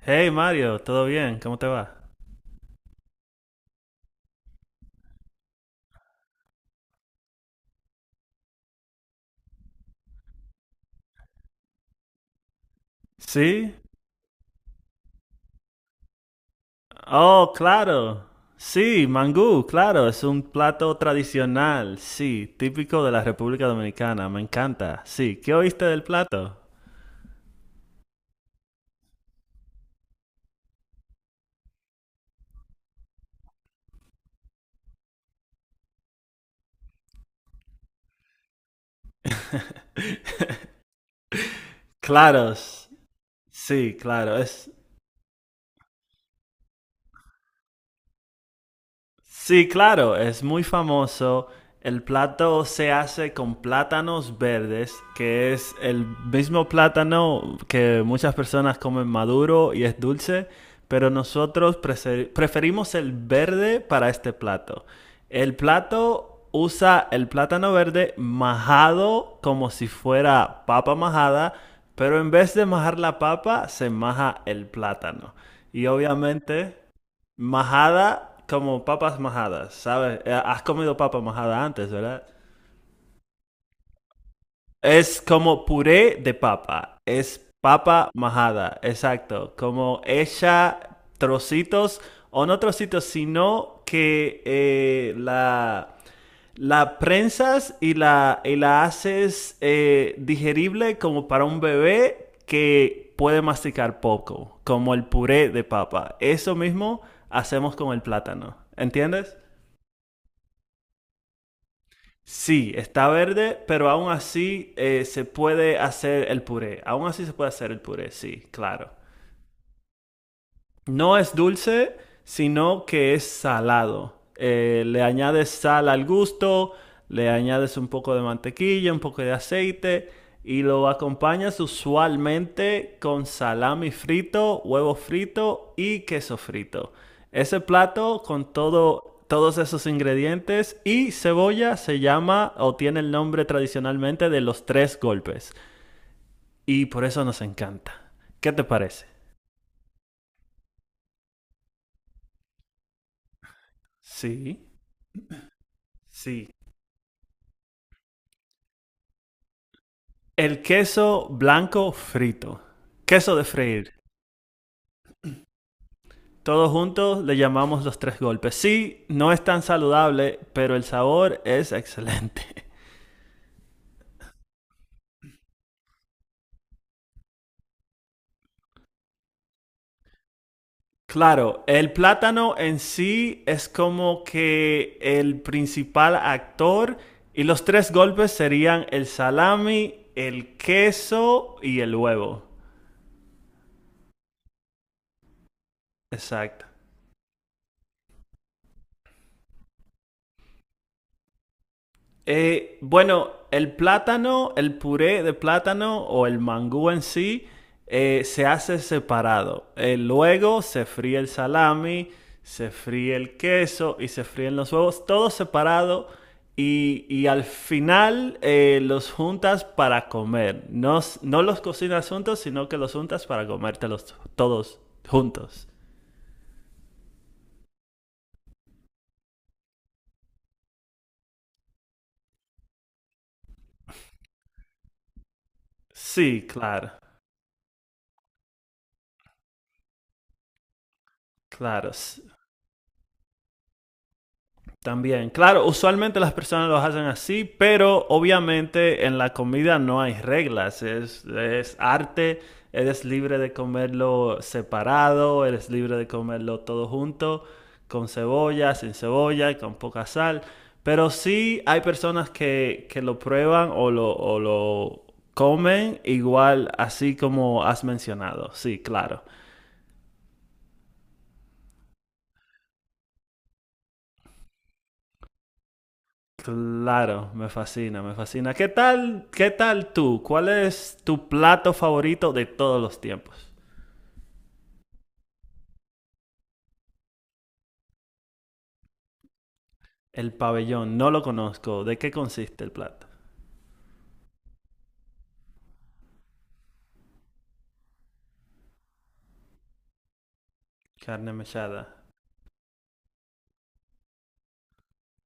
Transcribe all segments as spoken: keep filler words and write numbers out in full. Hey Mario, ¿todo bien? ¿Cómo te va? Sí. Oh, claro. Sí, mangú, claro, es un plato tradicional, sí, típico de la República Dominicana, me encanta. Sí, ¿qué oíste del plato? Claros, sí, claro, es, sí, claro, es muy famoso. El plato se hace con plátanos verdes, que es el mismo plátano que muchas personas comen maduro y es dulce, pero nosotros prese- preferimos el verde para este plato. El plato usa el plátano verde majado como si fuera papa majada, pero en vez de majar la papa, se maja el plátano. Y obviamente majada como papas majadas, ¿sabes? Eh, Has comido papa majada antes, ¿verdad? Es como puré de papa, es papa majada, exacto, como hecha trocitos, o no trocitos, sino que eh, la, la prensas y la, y la haces eh, digerible como para un bebé que puede masticar poco, como el puré de papa. Eso mismo hacemos con el plátano, ¿entiendes? Sí, está verde, pero aún así eh, se puede hacer el puré. Aún así se puede hacer el puré, sí, claro. No es dulce, sino que es salado. Eh, le añades sal al gusto, le añades un poco de mantequilla, un poco de aceite y lo acompañas usualmente con salami frito, huevo frito y queso frito. Ese plato con todo, todos esos ingredientes y cebolla se llama o tiene el nombre tradicionalmente de los tres golpes y por eso nos encanta. ¿Qué te parece? Sí, sí. El queso blanco frito. Queso de freír. Todos juntos le llamamos los tres golpes. Sí, no es tan saludable, pero el sabor es excelente. Claro, el plátano en sí es como que el principal actor y los tres golpes serían el salami, el queso y el huevo. Exacto. Eh, bueno, el plátano, el puré de plátano o el mangú en sí eh, se hace separado. Eh, luego se fríe el salami, se fríe el queso y se fríen los huevos, todo separado. Y, y al final eh, los juntas para comer. No, s- no los cocinas juntos, sino que los juntas para comértelos todos juntos. Sí, claro, claro. También, claro, usualmente las personas lo hacen así, pero obviamente en la comida no hay reglas, es, es arte, eres libre de comerlo separado, eres libre de comerlo todo junto, con cebolla, sin cebolla, con poca sal, pero sí hay personas que, que lo prueban o lo, o lo comen igual así como has mencionado, sí, claro. Claro, me fascina, me fascina. ¿Qué tal, qué tal tú? ¿Cuál es tu plato favorito de todos los tiempos? El pabellón, no lo conozco. ¿De qué consiste el plato? Carne mechada.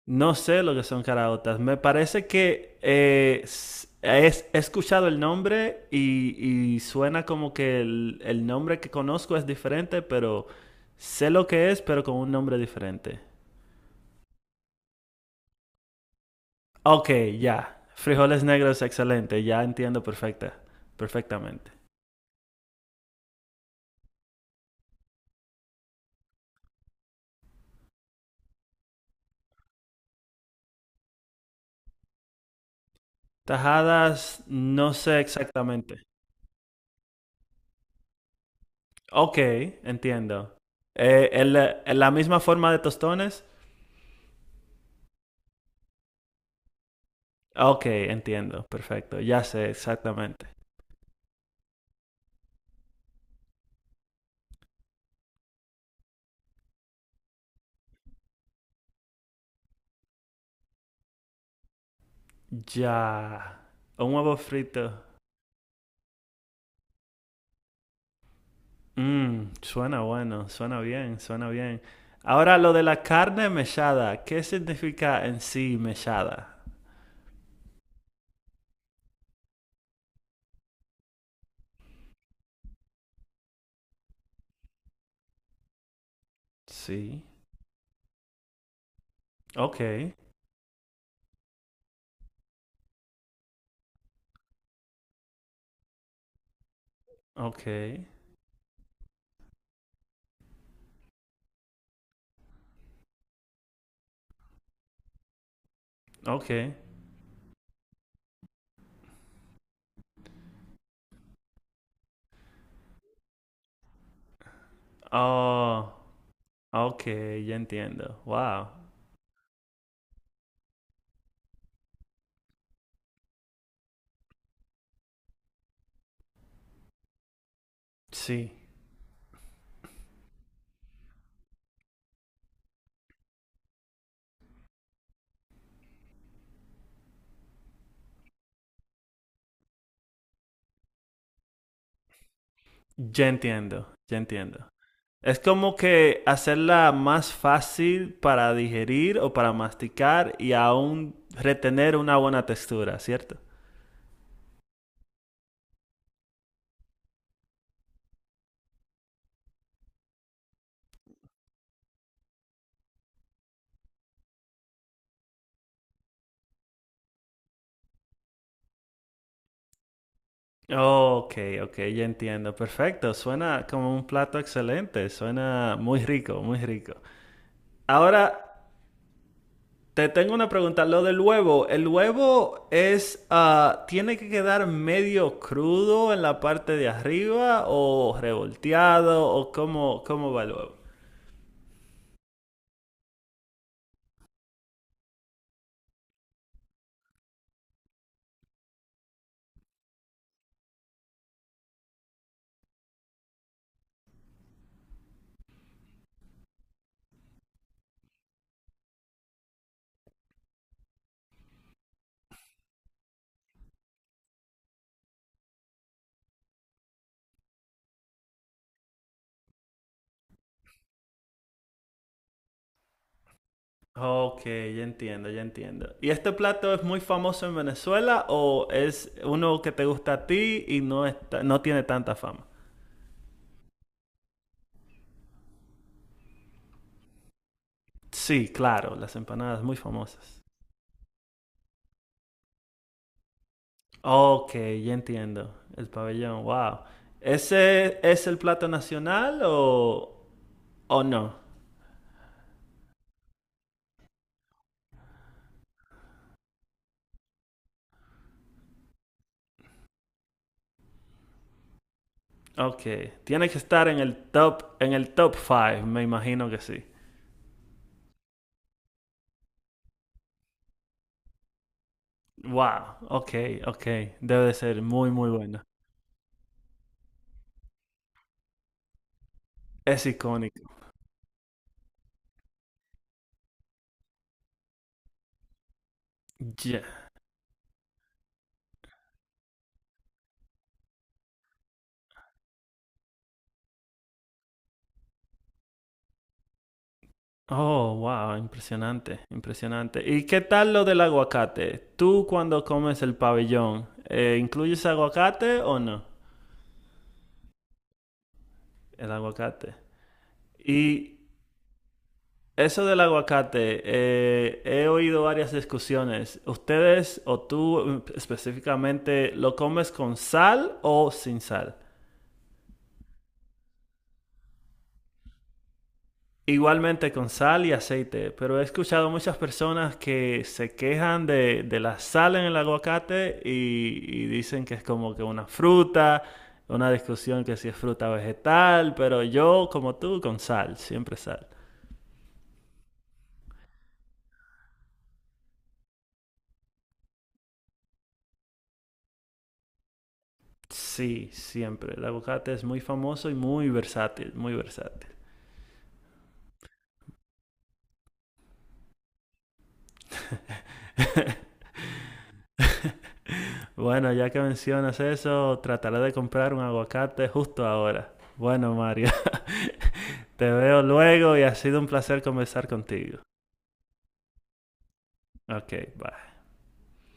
No sé lo que son caraotas. Me parece que eh, s- es- he escuchado el nombre y, y suena como que el, el nombre que conozco es diferente, pero sé lo que es, pero con un nombre diferente. Ok, ya. Frijoles negros, excelente. Ya entiendo perfecta, perfectamente. Tajadas, no sé exactamente. Ok, entiendo. Eh, el- el- la misma forma de tostones. Ok, entiendo. Perfecto. Ya sé exactamente. Ya. Un huevo frito. Mmm, suena bueno, suena bien, suena bien. Ahora lo de la carne mechada. ¿Qué significa en sí mechada? Sí. Ok, ok, ok. Oh, ok, ya entiendo. Wow. Sí, ya entiendo, ya entiendo. Es como que hacerla más fácil para digerir o para masticar y aún retener una buena textura, ¿cierto? Oh, ok, ok, ya entiendo. Perfecto. Suena como un plato excelente. Suena muy rico, muy rico. Ahora, te tengo una pregunta, lo del huevo, ¿el huevo es, ah, tiene que quedar medio crudo en la parte de arriba o revolteado o cómo, cómo va el huevo? Ok, ya entiendo, ya entiendo. ¿Y este plato es muy famoso en Venezuela o es uno que te gusta a ti y no está, no tiene tanta fama? Sí, claro, las empanadas muy famosas. Ok, ya entiendo. El pabellón, wow. ¿Ese es el plato nacional o, o no? Ok, tiene que estar en el top, en el top cinco, me imagino que sí. Wow, ok, ok, debe de ser muy, muy buena. Es icónica. Ya. Oh, wow, impresionante, impresionante. ¿Y qué tal lo del aguacate? ¿Tú cuando comes el pabellón, eh, incluyes aguacate o no? El aguacate. Y eso del aguacate, eh, he oído varias discusiones. ¿Ustedes o tú mm, específicamente lo comes con sal o sin sal? Igualmente con sal y aceite, pero he escuchado muchas personas que se quejan de, de la sal en el aguacate y, y dicen que es como que una fruta, una discusión que si es fruta o vegetal, pero yo como tú con sal, siempre sal. Sí, siempre. El aguacate es muy famoso y muy versátil, muy versátil. Bueno, ya que mencionas eso, trataré de comprar un aguacate justo ahora. Bueno, Mario. Te veo luego y ha sido un placer conversar contigo. Ok, bye.